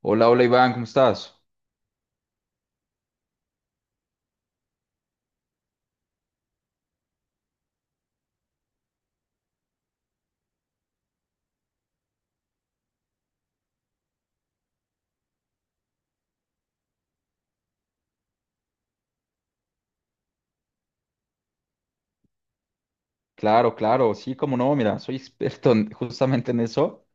Hola, hola Iván, ¿cómo estás? Claro, claro, sí, cómo no, mira, soy experto justamente en eso.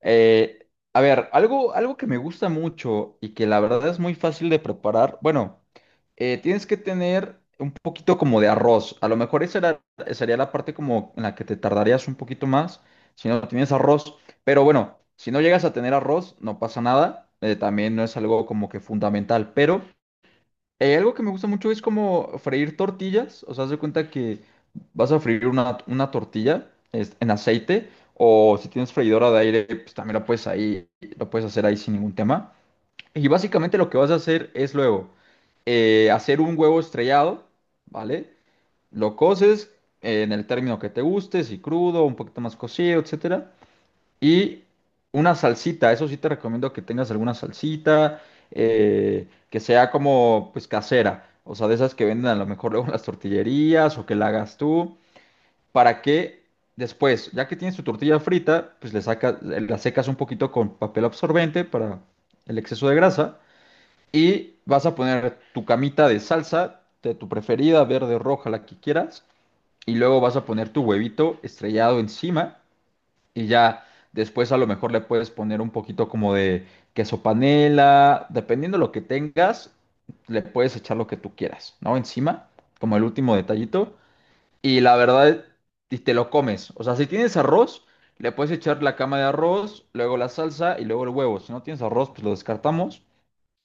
A ver, algo que me gusta mucho y que la verdad es muy fácil de preparar, bueno, tienes que tener un poquito como de arroz, a lo mejor sería la parte como en la que te tardarías un poquito más si no tienes arroz, pero bueno, si no llegas a tener arroz, no pasa nada, también no es algo como que fundamental, pero... Algo que me gusta mucho es como freír tortillas. O sea, haz de cuenta que vas a freír una tortilla en aceite. O si tienes freidora de aire, pues también lo puedes ahí, lo puedes hacer ahí sin ningún tema. Y básicamente lo que vas a hacer es luego hacer un huevo estrellado, ¿vale? Lo coces en el término que te guste, si crudo, un poquito más cocido, etcétera. Y una salsita, eso sí te recomiendo que tengas alguna salsita, que sea como pues casera, o sea, de esas que venden a lo mejor luego en las tortillerías o que la hagas tú, para que después, ya que tienes tu tortilla frita, pues le sacas, la secas un poquito con papel absorbente para el exceso de grasa y vas a poner tu camita de salsa de tu preferida, verde, roja, la que quieras, y luego vas a poner tu huevito estrellado encima y ya después a lo mejor le puedes poner un poquito como de queso panela, dependiendo lo que tengas, le puedes echar lo que tú quieras, ¿no? Encima, como el último detallito. Y la verdad, y te lo comes. O sea, si tienes arroz, le puedes echar la cama de arroz, luego la salsa y luego el huevo. Si no tienes arroz, pues lo descartamos.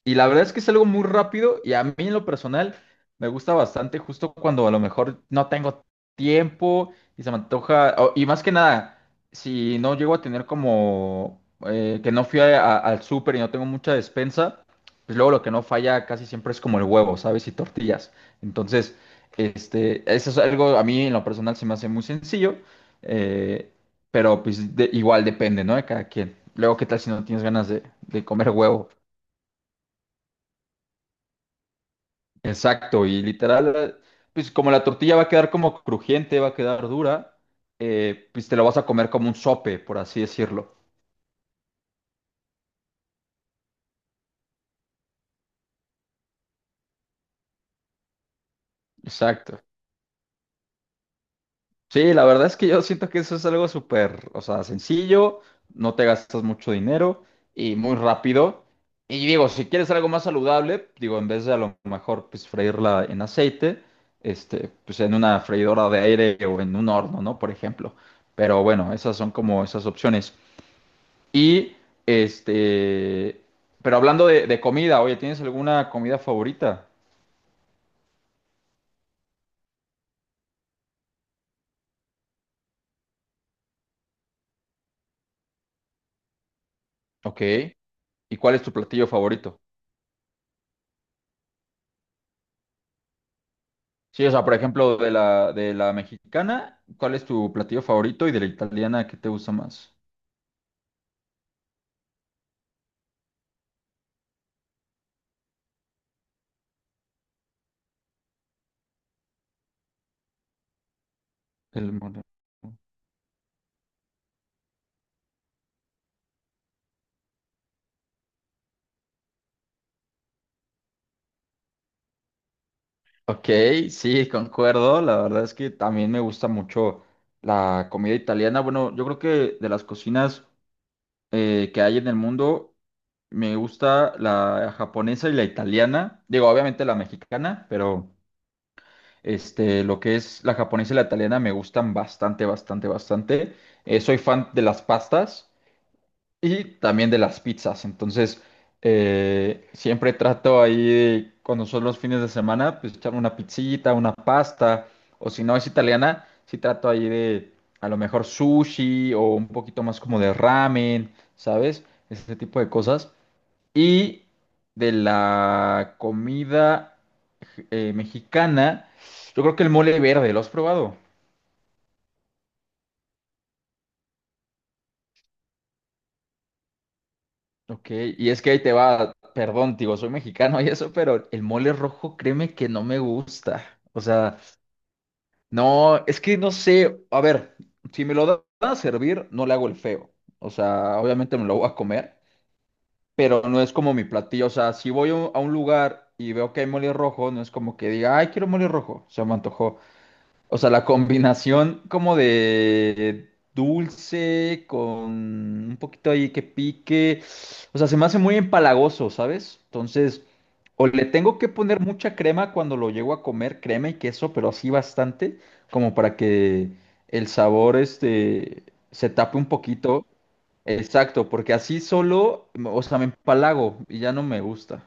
Y la verdad es que es algo muy rápido y a mí en lo personal me gusta bastante justo cuando a lo mejor no tengo tiempo y se me antoja, y más que nada, si no llego a tener como que no fui al súper y no tengo mucha despensa, pues luego lo que no falla casi siempre es como el huevo, ¿sabes? Y tortillas. Entonces, eso es algo a mí en lo personal se me hace muy sencillo, eh, pero pues igual depende, ¿no? De cada quien. Luego, ¿qué tal si no tienes ganas de comer huevo? Exacto, y literal, pues como la tortilla va a quedar como crujiente, va a quedar dura, pues te lo vas a comer como un sope, por así decirlo. Exacto. Sí, la verdad es que yo siento que eso es algo súper, o sea, sencillo, no te gastas mucho dinero y muy rápido. Y digo, si quieres algo más saludable, digo, en vez de a lo mejor pues freírla en aceite, pues en una freidora de aire o en un horno, ¿no? Por ejemplo. Pero bueno, esas son como esas opciones. Y este, pero hablando de comida, oye, ¿tienes alguna comida favorita? Ok. ¿Y cuál es tu platillo favorito? Sí, o sea, por ejemplo, de la mexicana, ¿cuál es tu platillo favorito? Y de la italiana, ¿qué te gusta más? El mole. Ok, sí, concuerdo. La verdad es que también me gusta mucho la comida italiana. Bueno, yo creo que de las cocinas que hay en el mundo, me gusta la japonesa y la italiana. Digo, obviamente la mexicana, pero este, lo que es la japonesa y la italiana me gustan bastante, bastante, bastante. Soy fan de las pastas y también de las pizzas. Entonces, siempre trato ahí, de, cuando son los fines de semana, pues echarme una pizzita, una pasta. O si no es italiana, sí trato ahí de a lo mejor sushi o un poquito más como de ramen, ¿sabes? Ese tipo de cosas. Y de la comida mexicana, yo creo que el mole verde, ¿lo has probado? Ok, y es que ahí te va, perdón, digo, soy mexicano y eso, pero el mole rojo, créeme que no me gusta. O sea, no, es que no sé, a ver, si van a servir, no le hago el feo. O sea, obviamente me lo voy a comer, pero no es como mi platillo. O sea, si voy a un lugar y veo que hay mole rojo, no es como que diga, ay, quiero mole rojo, se me antojó. O sea, la combinación como de dulce con un poquito ahí que pique. O sea, se me hace muy empalagoso, ¿sabes? Entonces, o le tengo que poner mucha crema cuando lo llego a comer, crema y queso, pero así bastante, como para que el sabor este se tape un poquito. Exacto, porque así solo, o sea, me empalago y ya no me gusta.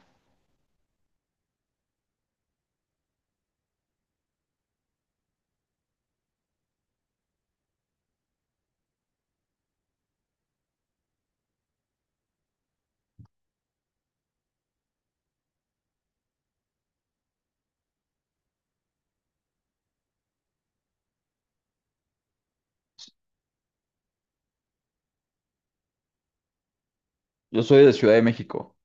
Yo soy de Ciudad de México.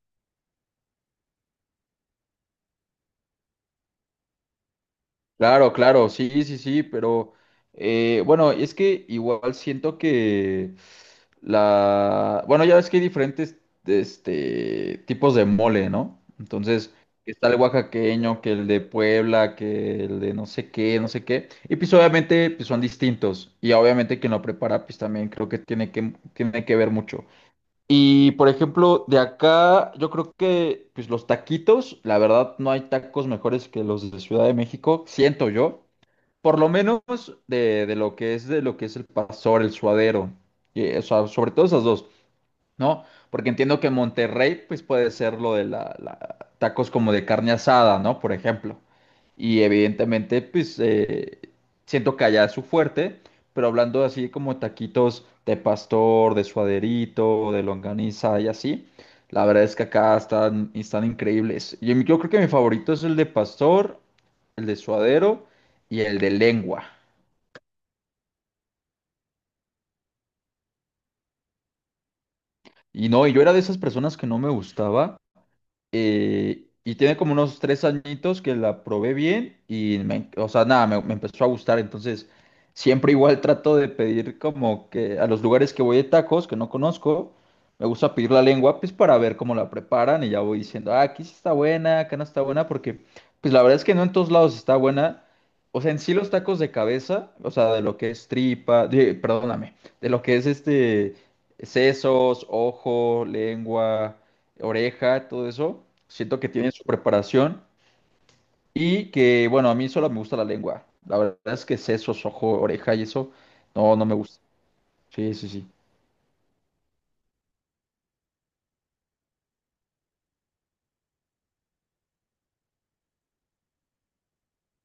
Claro, claro, sí, sí, sí, pero bueno, es que igual siento que bueno, ya ves que hay diferentes tipos de mole, ¿no? Entonces, está el oaxaqueño, que el de Puebla, que el de no sé qué, no sé qué, y pues obviamente pues, son distintos, y obviamente quien lo prepara pues también creo que tiene que ver mucho. Y por ejemplo, de acá, yo creo que pues los taquitos, la verdad, no hay tacos mejores que los de Ciudad de México, siento yo. Por lo menos de lo que es el pastor, el suadero. Y, o sea, sobre todo esas dos. ¿No? Porque entiendo que en Monterrey, pues puede ser lo de tacos como de carne asada, ¿no? Por ejemplo. Y evidentemente, pues siento que allá es su fuerte, pero hablando así como taquitos de pastor, de suaderito, de longaniza y así, la verdad es que acá están increíbles. Yo creo que mi favorito es el de pastor, el de suadero y el de lengua. Y no, y yo era de esas personas que no me gustaba. Y tiene como unos tres añitos que la probé bien y o sea, nada, me empezó a gustar. Entonces, siempre igual trato de pedir como que a los lugares que voy de tacos, que no conozco, me gusta pedir la lengua, pues para ver cómo la preparan y ya voy diciendo, ah, aquí sí está buena, acá no está buena, porque pues la verdad es que no en todos lados está buena. O sea, en sí los tacos de cabeza, o sea, de lo que es tripa, perdóname, de lo que es sesos, ojo, lengua, oreja, todo eso. Siento que tienen su preparación y que, bueno, a mí solo me gusta la lengua. La verdad es que sesos, ojo, oreja y eso, no, no me gusta. Sí, sí, sí.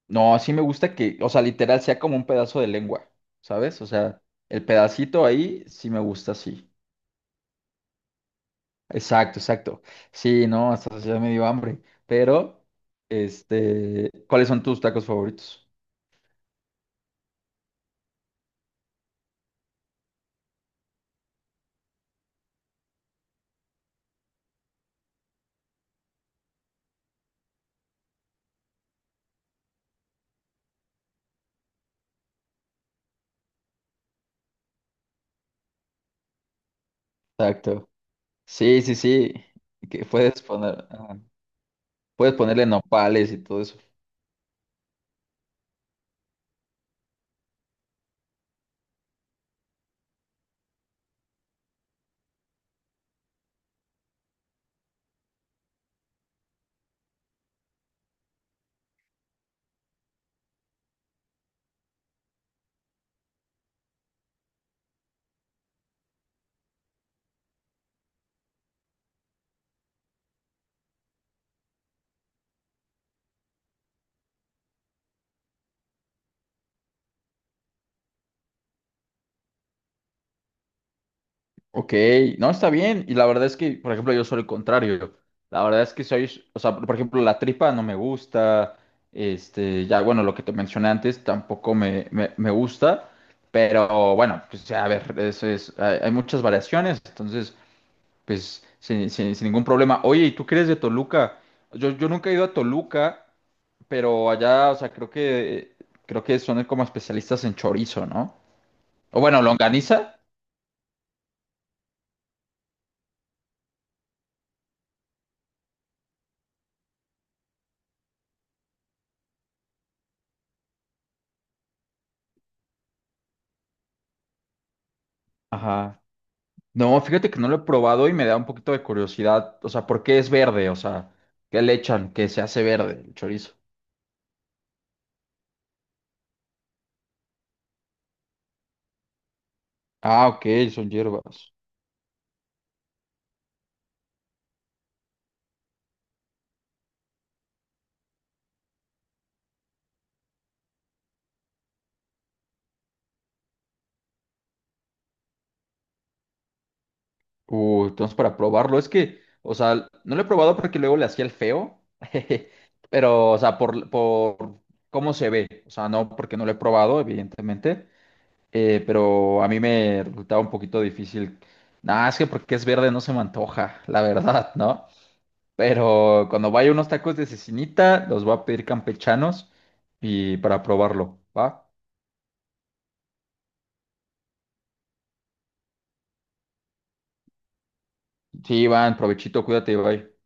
No, sí me gusta que, o sea, literal sea como un pedazo de lengua, ¿sabes? O sea, el pedacito ahí sí me gusta, sí. Exacto, exacto. Sí, no, hasta ya me dio hambre. Pero, ¿cuáles son tus tacos favoritos? Exacto. Sí, sí, sí. Que puedes poner, ajá, puedes ponerle nopales y todo eso. Ok, no está bien. Y la verdad es que, por ejemplo, yo soy el contrario. La verdad es que soy, o sea, por ejemplo, la tripa no me gusta. Ya, bueno, lo que te mencioné antes tampoco me gusta. Pero bueno, pues ya, a ver, eso es, hay muchas variaciones. Entonces, pues sin ningún problema. Oye, ¿y tú qué eres de Toluca? Yo nunca he ido a Toluca, pero allá, o sea, creo que son como especialistas en chorizo, ¿no? O bueno, longaniza. Ajá. No, fíjate que no lo he probado y me da un poquito de curiosidad. O sea, ¿por qué es verde? O sea, ¿qué le echan que se hace verde el chorizo? Ah, ok, son hierbas. Entonces para probarlo, es que, o sea, no lo he probado porque luego le hacía el feo, pero, o sea, por cómo se ve, o sea, no porque no lo he probado, evidentemente, pero a mí me resultaba un poquito difícil. Nada, es que porque es verde no se me antoja, la verdad, ¿no? Pero cuando vaya unos tacos de cecinita, los voy a pedir campechanos y para probarlo, ¿va? Sí, Iván, provechito, cuídate, bye.